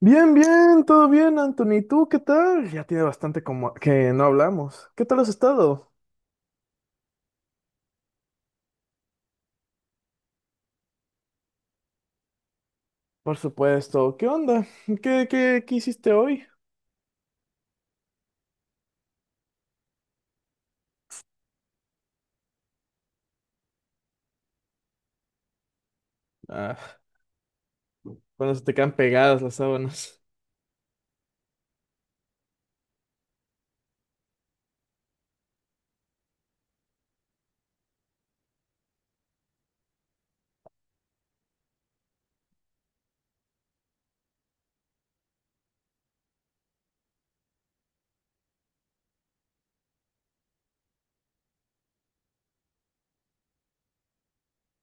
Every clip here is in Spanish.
Bien, bien, todo bien, Anthony. ¿Y tú qué tal? Ya tiene bastante como que no hablamos. ¿Qué tal has estado? Por supuesto. ¿Qué onda? ¿Qué hiciste hoy? Ah, cuando se te quedan pegadas las sábanas.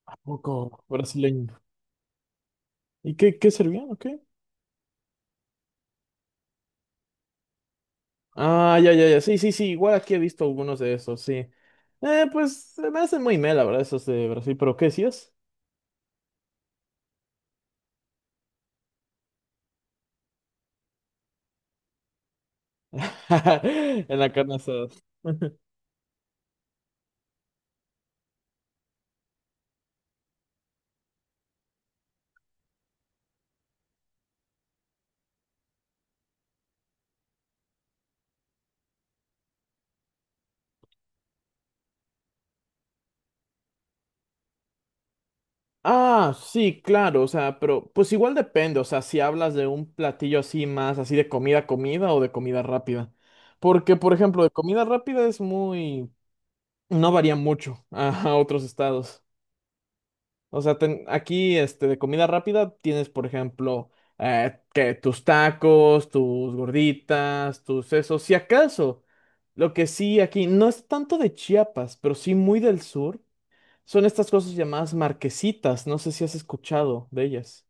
¿A poco brasileño? ¿Y qué servían o qué? Ah, ya, ya, ya. Sí, sí, sí. Igual aquí he visto algunos de esos, sí. Pues se me hacen muy mela, ¿verdad? Esos de Brasil, pero ¿qué decías? En la carne asada. Ah, sí, claro, o sea, pero pues igual depende, o sea, si hablas de un platillo así más, así de comida, comida o de comida rápida. Porque, por ejemplo, de comida rápida es muy, no varía mucho a, a otros estados. O sea, aquí, este, de comida rápida tienes, por ejemplo, que tus tacos, tus gorditas, tus esos, si acaso, lo que sí aquí, no es tanto de Chiapas, pero sí muy del sur. Son estas cosas llamadas marquesitas, no sé si has escuchado de ellas.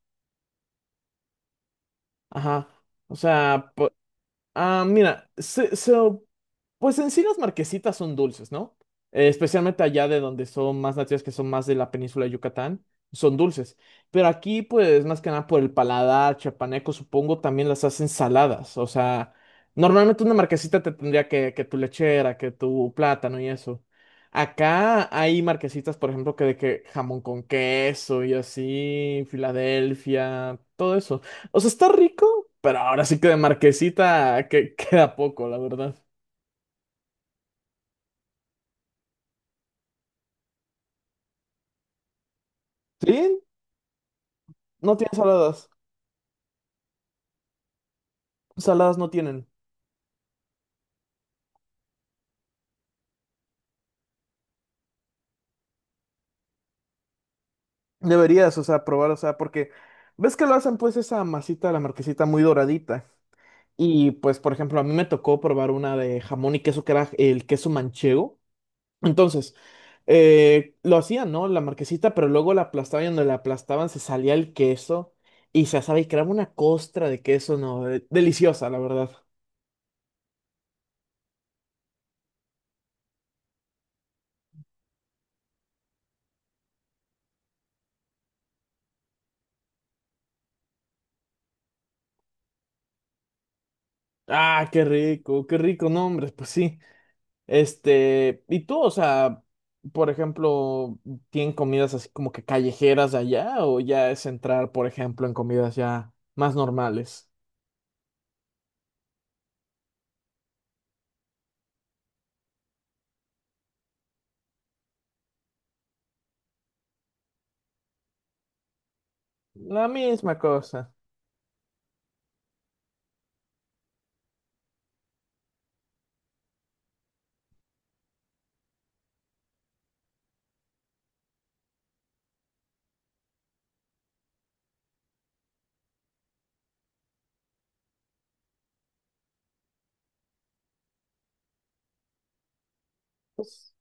Ajá. O sea, po- Ah, mira, pues en sí las marquesitas son dulces, ¿no? Especialmente allá de donde son más nativas, que son más de la península de Yucatán, son dulces. Pero aquí, pues más que nada por el paladar chapaneco, supongo, también las hacen saladas. O sea, normalmente una marquesita te tendría que tu lechera, que tu plátano y eso. Acá hay marquesitas, por ejemplo, que de que jamón con queso y así, Filadelfia, todo eso. O sea, está rico, pero ahora sí que de marquesita que queda poco, la verdad. Sí, no tiene saladas. Saladas no tienen. Deberías, o sea, probar, o sea, porque ves que lo hacen pues esa masita de la marquesita muy doradita. Y pues, por ejemplo, a mí me tocó probar una de jamón y queso que era el queso manchego. Entonces, lo hacían, ¿no? La marquesita, pero luego la aplastaban y donde la aplastaban se salía el queso y se asaba y creaba una costra de queso, ¿no? Deliciosa, la verdad. Ah, qué rico, no, hombre, pues sí. Este, y tú, o sea, por ejemplo, ¿tienen comidas así como que callejeras de allá o ya es entrar, por ejemplo, en comidas ya más normales? La misma cosa. Pues,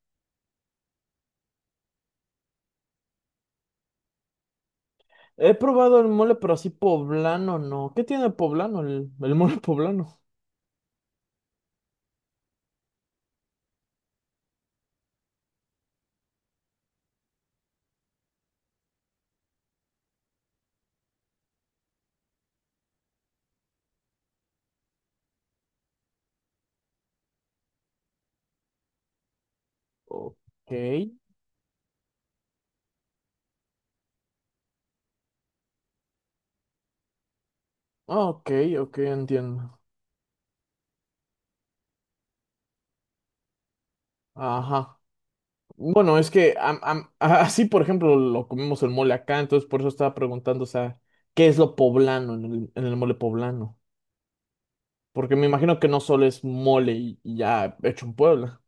he probado el mole, pero así poblano, ¿no? ¿Qué tiene poblano, el mole poblano? Ok, ok, ok, entiendo. Ajá. Bueno, es que así, por ejemplo, lo comemos el mole acá, entonces por eso estaba preguntando, o sea, ¿qué es lo poblano en el mole poblano? Porque me imagino que no solo es mole y ya hecho en Puebla.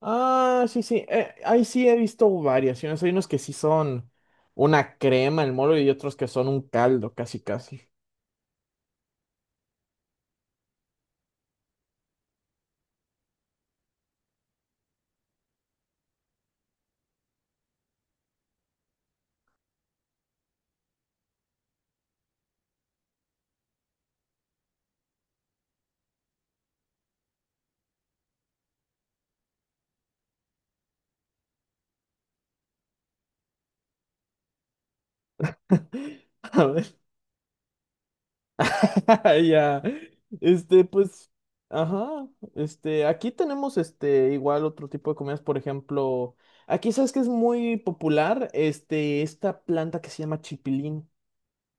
Ah, sí, sí, ahí sí he visto variaciones, hay unos que sí son una crema el mole y otros que son un caldo, casi, casi. A ver. Ya. Este, pues, ajá. Este, aquí tenemos este igual otro tipo de comidas, por ejemplo, aquí sabes que es muy popular, este, esta planta que se llama chipilín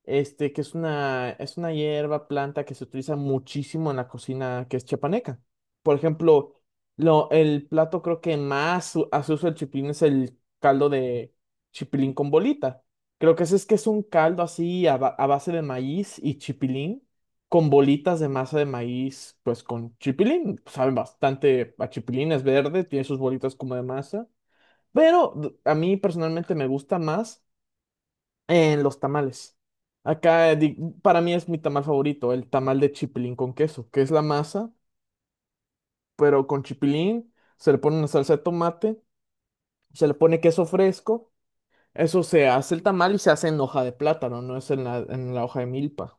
este, que es una hierba, planta que se utiliza muchísimo en la cocina que es chiapaneca. Por ejemplo, lo, el plato creo que más hace uso el chipilín es el caldo de chipilín con bolita. Creo que ese es que es un caldo así a base de maíz y chipilín con bolitas de masa de maíz, pues con chipilín. Saben bastante a chipilín, es verde, tiene sus bolitas como de masa. Pero a mí personalmente me gusta más. En los tamales. Acá para mí es mi tamal favorito, el tamal de chipilín con queso, que es la masa, pero con chipilín, se le pone una salsa de tomate, se le pone queso fresco, eso se hace el tamal y se hace en hoja de plátano, no es en la hoja de milpa.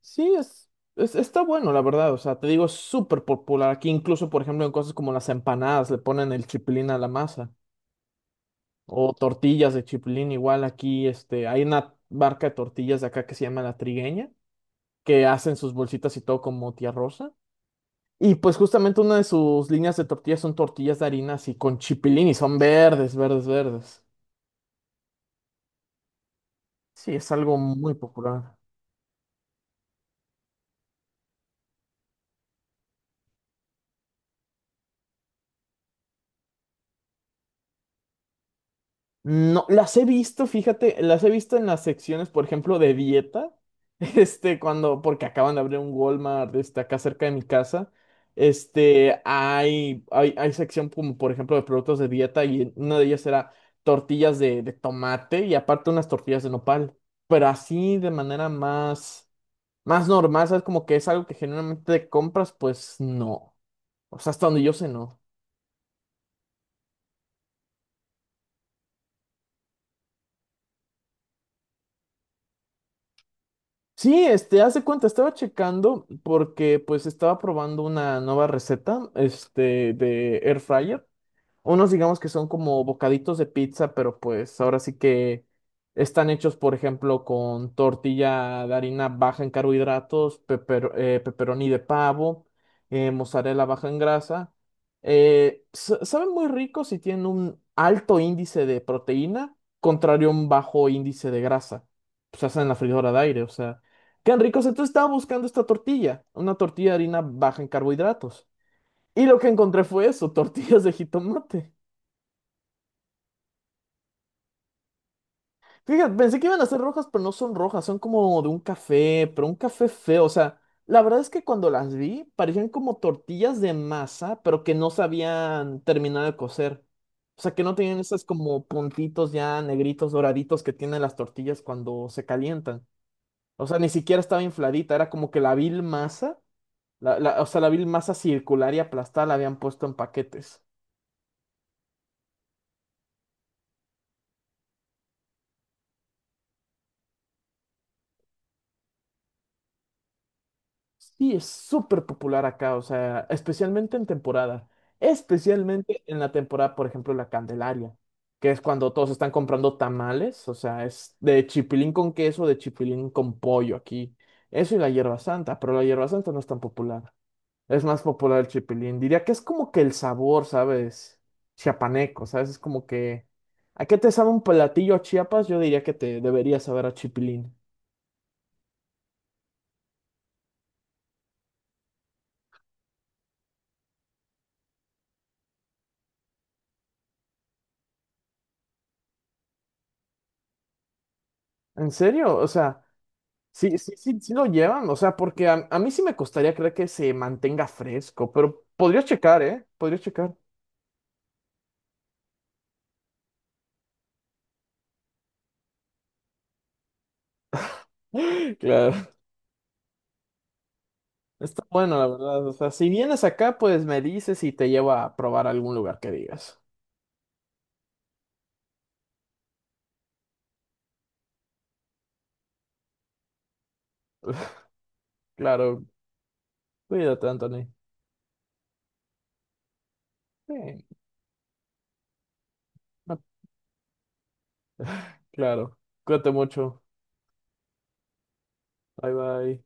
Sí, es, está bueno, la verdad, o sea, te digo, es súper popular aquí, incluso por ejemplo en cosas como las empanadas le ponen el chipilín a la masa, o tortillas de chipilín, igual aquí, este, hay una marca de tortillas de acá que se llama La Trigueña que hacen sus bolsitas y todo como tía Rosa. Y pues justamente una de sus líneas de tortillas son tortillas de harina así con chipilín y son verdes, verdes, verdes. Sí, es algo muy popular. No, las he visto, fíjate, las he visto en las secciones, por ejemplo, de dieta, este, cuando, porque acaban de abrir un Walmart, este, acá cerca de mi casa, este, hay sección como, por ejemplo, de productos de dieta y una de ellas era tortillas de tomate y aparte unas tortillas de nopal, pero así de manera más, más normal, ¿sabes? Como que es algo que generalmente compras, pues no, o sea, hasta donde yo sé, no. Sí, este, hace cuenta, estaba checando porque pues estaba probando una nueva receta, este, de Air Fryer. Unos digamos que son como bocaditos de pizza, pero pues ahora sí que están hechos, por ejemplo, con tortilla de harina baja en carbohidratos, pepperoni de pavo, mozzarella baja en grasa. Saben muy ricos y tienen un alto índice de proteína, contrario a un bajo índice de grasa. Pues se hacen en la freidora de aire, o sea, quedan ricos. Entonces estaba buscando esta tortilla, una tortilla de harina baja en carbohidratos. Y lo que encontré fue eso, tortillas de jitomate. Fíjate, pensé que iban a ser rojas, pero no son rojas, son como de un café, pero un café feo. O sea, la verdad es que cuando las vi, parecían como tortillas de masa, pero que no sabían terminar de cocer. O sea, que no tenían esos como puntitos ya negritos, doraditos que tienen las tortillas cuando se calientan. O sea, ni siquiera estaba infladita, era como que la vil masa, o sea, la vil masa circular y aplastada la habían puesto en paquetes. Sí, es súper popular acá, o sea, especialmente en temporada, especialmente en la temporada, por ejemplo, la Candelaria, que es cuando todos están comprando tamales, o sea, es de chipilín con queso, de chipilín con pollo aquí, eso y la hierba santa, pero la hierba santa no es tan popular, es más popular el chipilín, diría que es como que el sabor, ¿sabes? Chiapaneco, ¿sabes? Es como que, ¿a qué te sabe un platillo a Chiapas? Yo diría que te debería saber a chipilín. ¿En serio? O sea... Sí, sí, sí, sí lo llevan, o sea, porque a mí sí me costaría creer que se mantenga fresco, pero podría checar, ¿eh? Podría checar. Claro. Está bueno, la verdad. O sea, si vienes acá, pues me dices y te llevo a probar algún lugar que digas. Claro, cuídate, Anthony. Sí, no, claro. Cuídate mucho. Bye bye.